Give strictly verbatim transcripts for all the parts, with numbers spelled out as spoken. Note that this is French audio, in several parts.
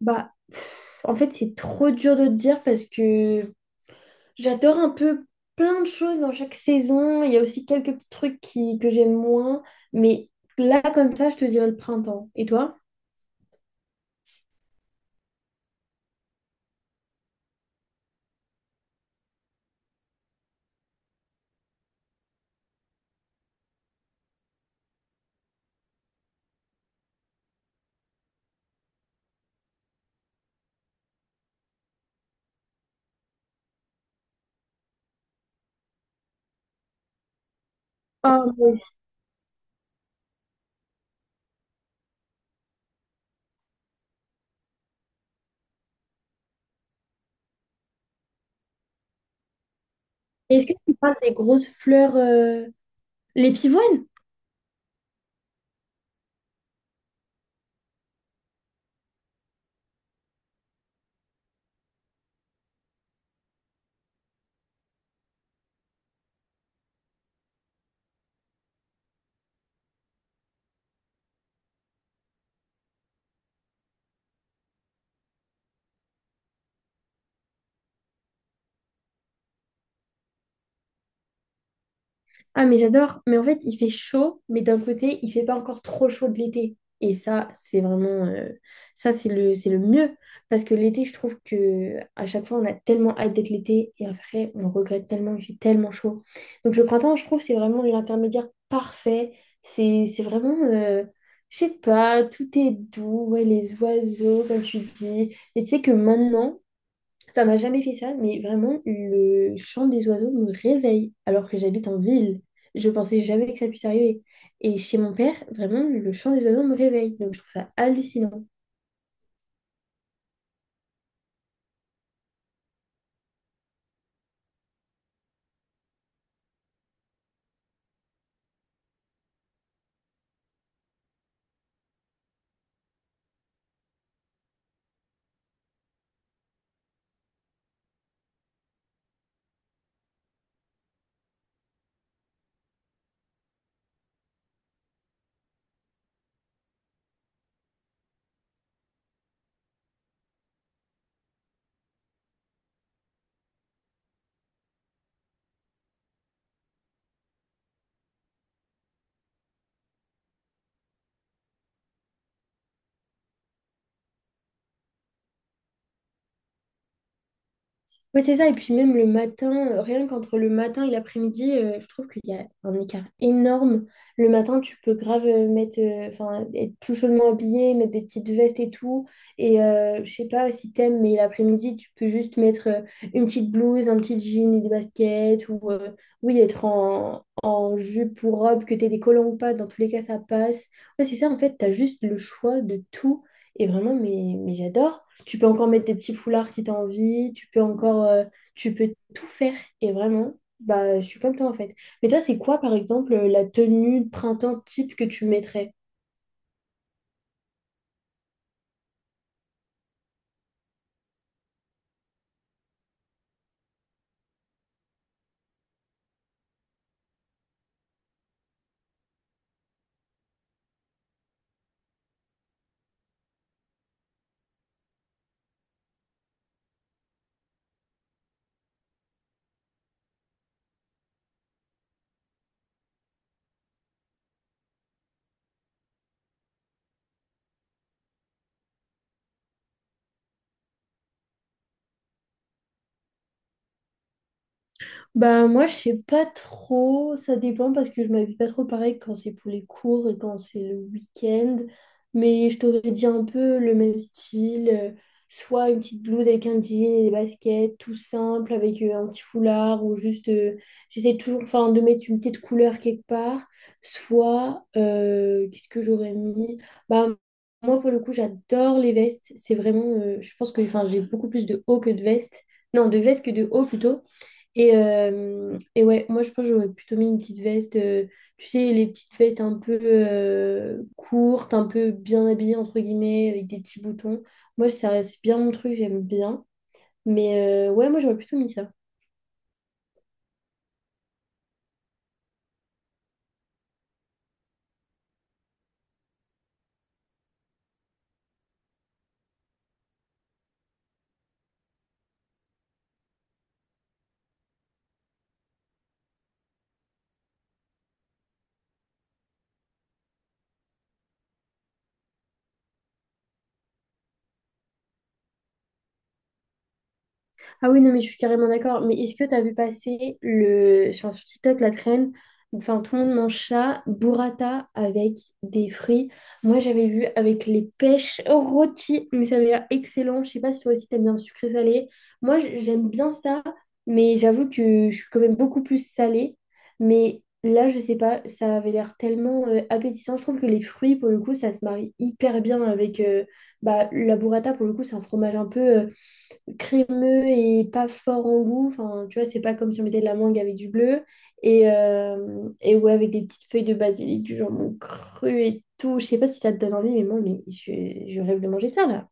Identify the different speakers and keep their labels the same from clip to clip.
Speaker 1: Bah, pff, en fait, c'est trop dur de te dire parce que j'adore un peu plein de choses dans chaque saison. Il y a aussi quelques petits trucs qui, que j'aime moins. Mais là, comme ça, je te dirais le printemps. Et toi? Ah, moi aussi. Est-ce que tu parles des grosses fleurs, euh, les pivoines? Ah, mais j'adore. Mais en fait, il fait chaud, mais d'un côté, il fait pas encore trop chaud de l'été. Et ça, c'est vraiment, euh, ça, c'est le, c'est le mieux. Parce que l'été, je trouve que à chaque fois, on a tellement hâte d'être l'été. Et après, on regrette tellement, il fait tellement chaud. Donc, le printemps, je trouve, c'est vraiment l'intermédiaire parfait. C'est, c'est vraiment, euh, je sais pas, tout est doux. Ouais, les oiseaux, comme tu dis. Et tu sais que maintenant, ça m'a jamais fait ça, mais vraiment, le chant des oiseaux me réveille alors que j'habite en ville. Je pensais jamais que ça puisse arriver. Et chez mon père, vraiment, le chant des oiseaux me réveille. Donc, je trouve ça hallucinant. Ouais, c'est ça. Et puis même le matin, euh, rien qu'entre le matin et l'après-midi, euh, je trouve qu'il y a un écart énorme. Le matin, tu peux grave euh, mettre, euh, enfin, être tout chaudement habillé, mettre des petites vestes et tout. Et euh, je sais pas si t'aimes, mais l'après-midi, tu peux juste mettre euh, une petite blouse, un petit jean et des baskets. Ou euh, oui, être en, en jupe ou robe, que t'aies des collants ou pas. Dans tous les cas, ça passe. Ouais, c'est ça. En fait, t'as juste le choix de tout. Et vraiment, mais, mais j'adore. Tu peux encore mettre des petits foulards si tu as envie. Tu peux encore, euh, tu peux tout faire. Et vraiment, bah, je suis comme toi en fait. Mais toi, c'est quoi, par exemple, la tenue de printemps type que tu mettrais? Bah moi je sais pas trop, ça dépend parce que je m'habille pas trop pareil quand c'est pour les cours et quand c'est le week-end. Mais je t'aurais dit un peu le même style, euh, soit une petite blouse avec un jean et des baskets, tout simple, avec euh, un petit foulard ou juste euh, j'essaie toujours enfin de mettre une petite couleur quelque part. Soit euh, qu'est-ce que j'aurais mis? Bah moi pour le coup j'adore les vestes. C'est vraiment euh, je pense que enfin j'ai beaucoup plus de haut que de veste. Non, de veste que de haut plutôt. Et, euh, et ouais, moi je pense que j'aurais plutôt mis une petite veste, euh, tu sais, les petites vestes un peu euh, courtes, un peu bien habillées entre guillemets, avec des petits boutons. Moi, ça, c'est bien mon truc, j'aime bien. Mais euh, ouais, moi j'aurais plutôt mis ça. Ah oui, non, mais je suis carrément d'accord. Mais est-ce que tu as vu passer le enfin, sur TikTok la traîne, enfin, tout le monde mange ça, burrata avec des fruits. Moi, j'avais vu avec les pêches rôties, mais ça avait l'air excellent. Je sais pas si toi aussi t'aimes bien le sucré salé. Moi, j- j'aime bien ça, mais j'avoue que je suis quand même beaucoup plus salée. Mais là, je sais pas, ça avait l'air tellement euh, appétissant. Je trouve que les fruits, pour le coup, ça se marie hyper bien avec euh, bah, la burrata. Pour le coup, c'est un fromage un peu euh, crémeux et pas fort en goût. Enfin, tu vois, c'est pas comme si on mettait de la mangue avec du bleu. Et, euh, et ouais, avec des petites feuilles de basilic, du jambon cru et tout. Je sais pas si ça te donne envie, mais moi, mais je, je rêve de manger ça, là.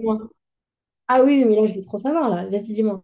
Speaker 1: Moi. Ah oui, mais là, je veux trop savoir, là. Vas-y, dis-moi.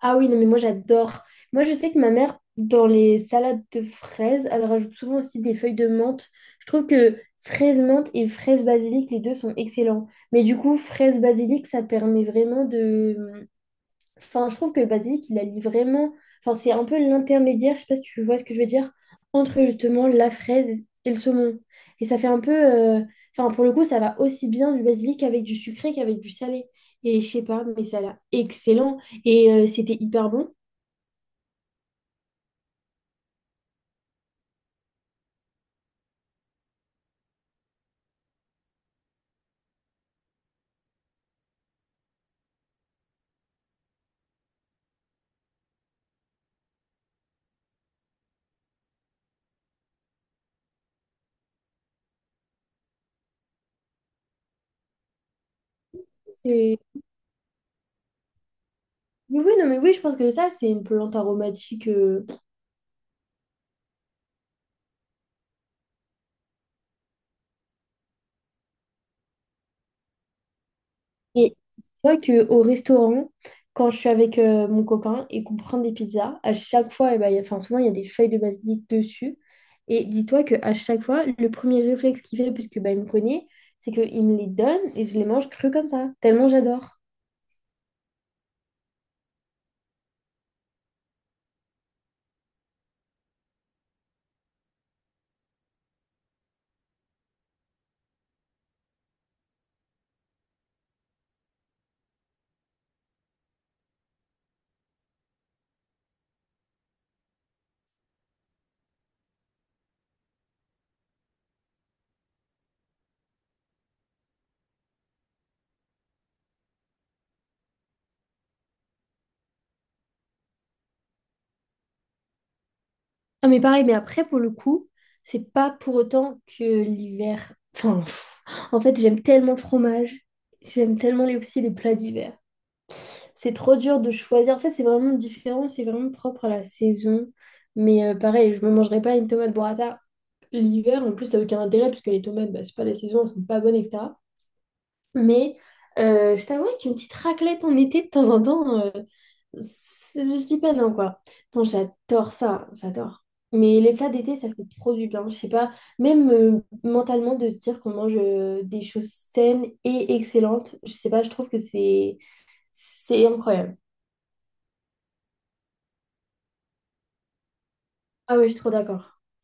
Speaker 1: Ah oui, non, mais moi, j'adore. Moi, je sais que ma mère, dans les salades de fraises, elle rajoute souvent aussi des feuilles de menthe. Je trouve que fraise menthe et fraise basilic, les deux sont excellents. Mais du coup, fraise basilic, ça permet vraiment de enfin, je trouve que le basilic, il allie vraiment. Enfin, c'est un peu l'intermédiaire, je sais pas si tu vois ce que je veux dire, entre justement la fraise et le saumon. Et ça fait un peu euh, enfin, pour le coup, ça va aussi bien du basilic avec du sucré qu'avec du salé. Et je sais pas, mais ça a l'air excellent. Et euh, c'était hyper bon. C'est- Oui, oui, non, mais oui, je pense que ça, c'est une plante aromatique euh, et vois qu'au restaurant, quand je suis avec euh, mon copain et qu'on prend des pizzas, à chaque fois, eh ben, il y a- enfin, souvent, il y a des feuilles de basilic dessus. Et dis-toi qu'à chaque fois, le premier réflexe qu'il fait, puisque bah, il me connaît, c'est qu'il me les donne et je les mange crus comme ça, tellement j'adore. Ah, mais pareil, mais après, pour le coup, c'est pas pour autant que l'hiver Enfin, pff, en fait, j'aime tellement le fromage, j'aime tellement les, aussi les plats d'hiver. C'est trop dur de choisir. En fait, c'est vraiment différent, c'est vraiment propre à la saison. Mais euh, pareil, je me mangerai pas une tomate burrata l'hiver. En plus, ça n'a aucun intérêt parce que les tomates, bah, c'est pas la saison, elles sont pas bonnes, et cetera. Mais euh, je t'avoue qu'une petite raclette en été de temps en temps, euh, c'est- je dis pas non, quoi. Non, j'adore ça, j'adore. Mais les plats d'été, ça fait trop du bien. Je sais pas, même euh, mentalement, de se dire qu'on mange euh, des choses saines et excellentes, je sais pas, je trouve que c'est c'est incroyable. Ah oui, je suis trop d'accord.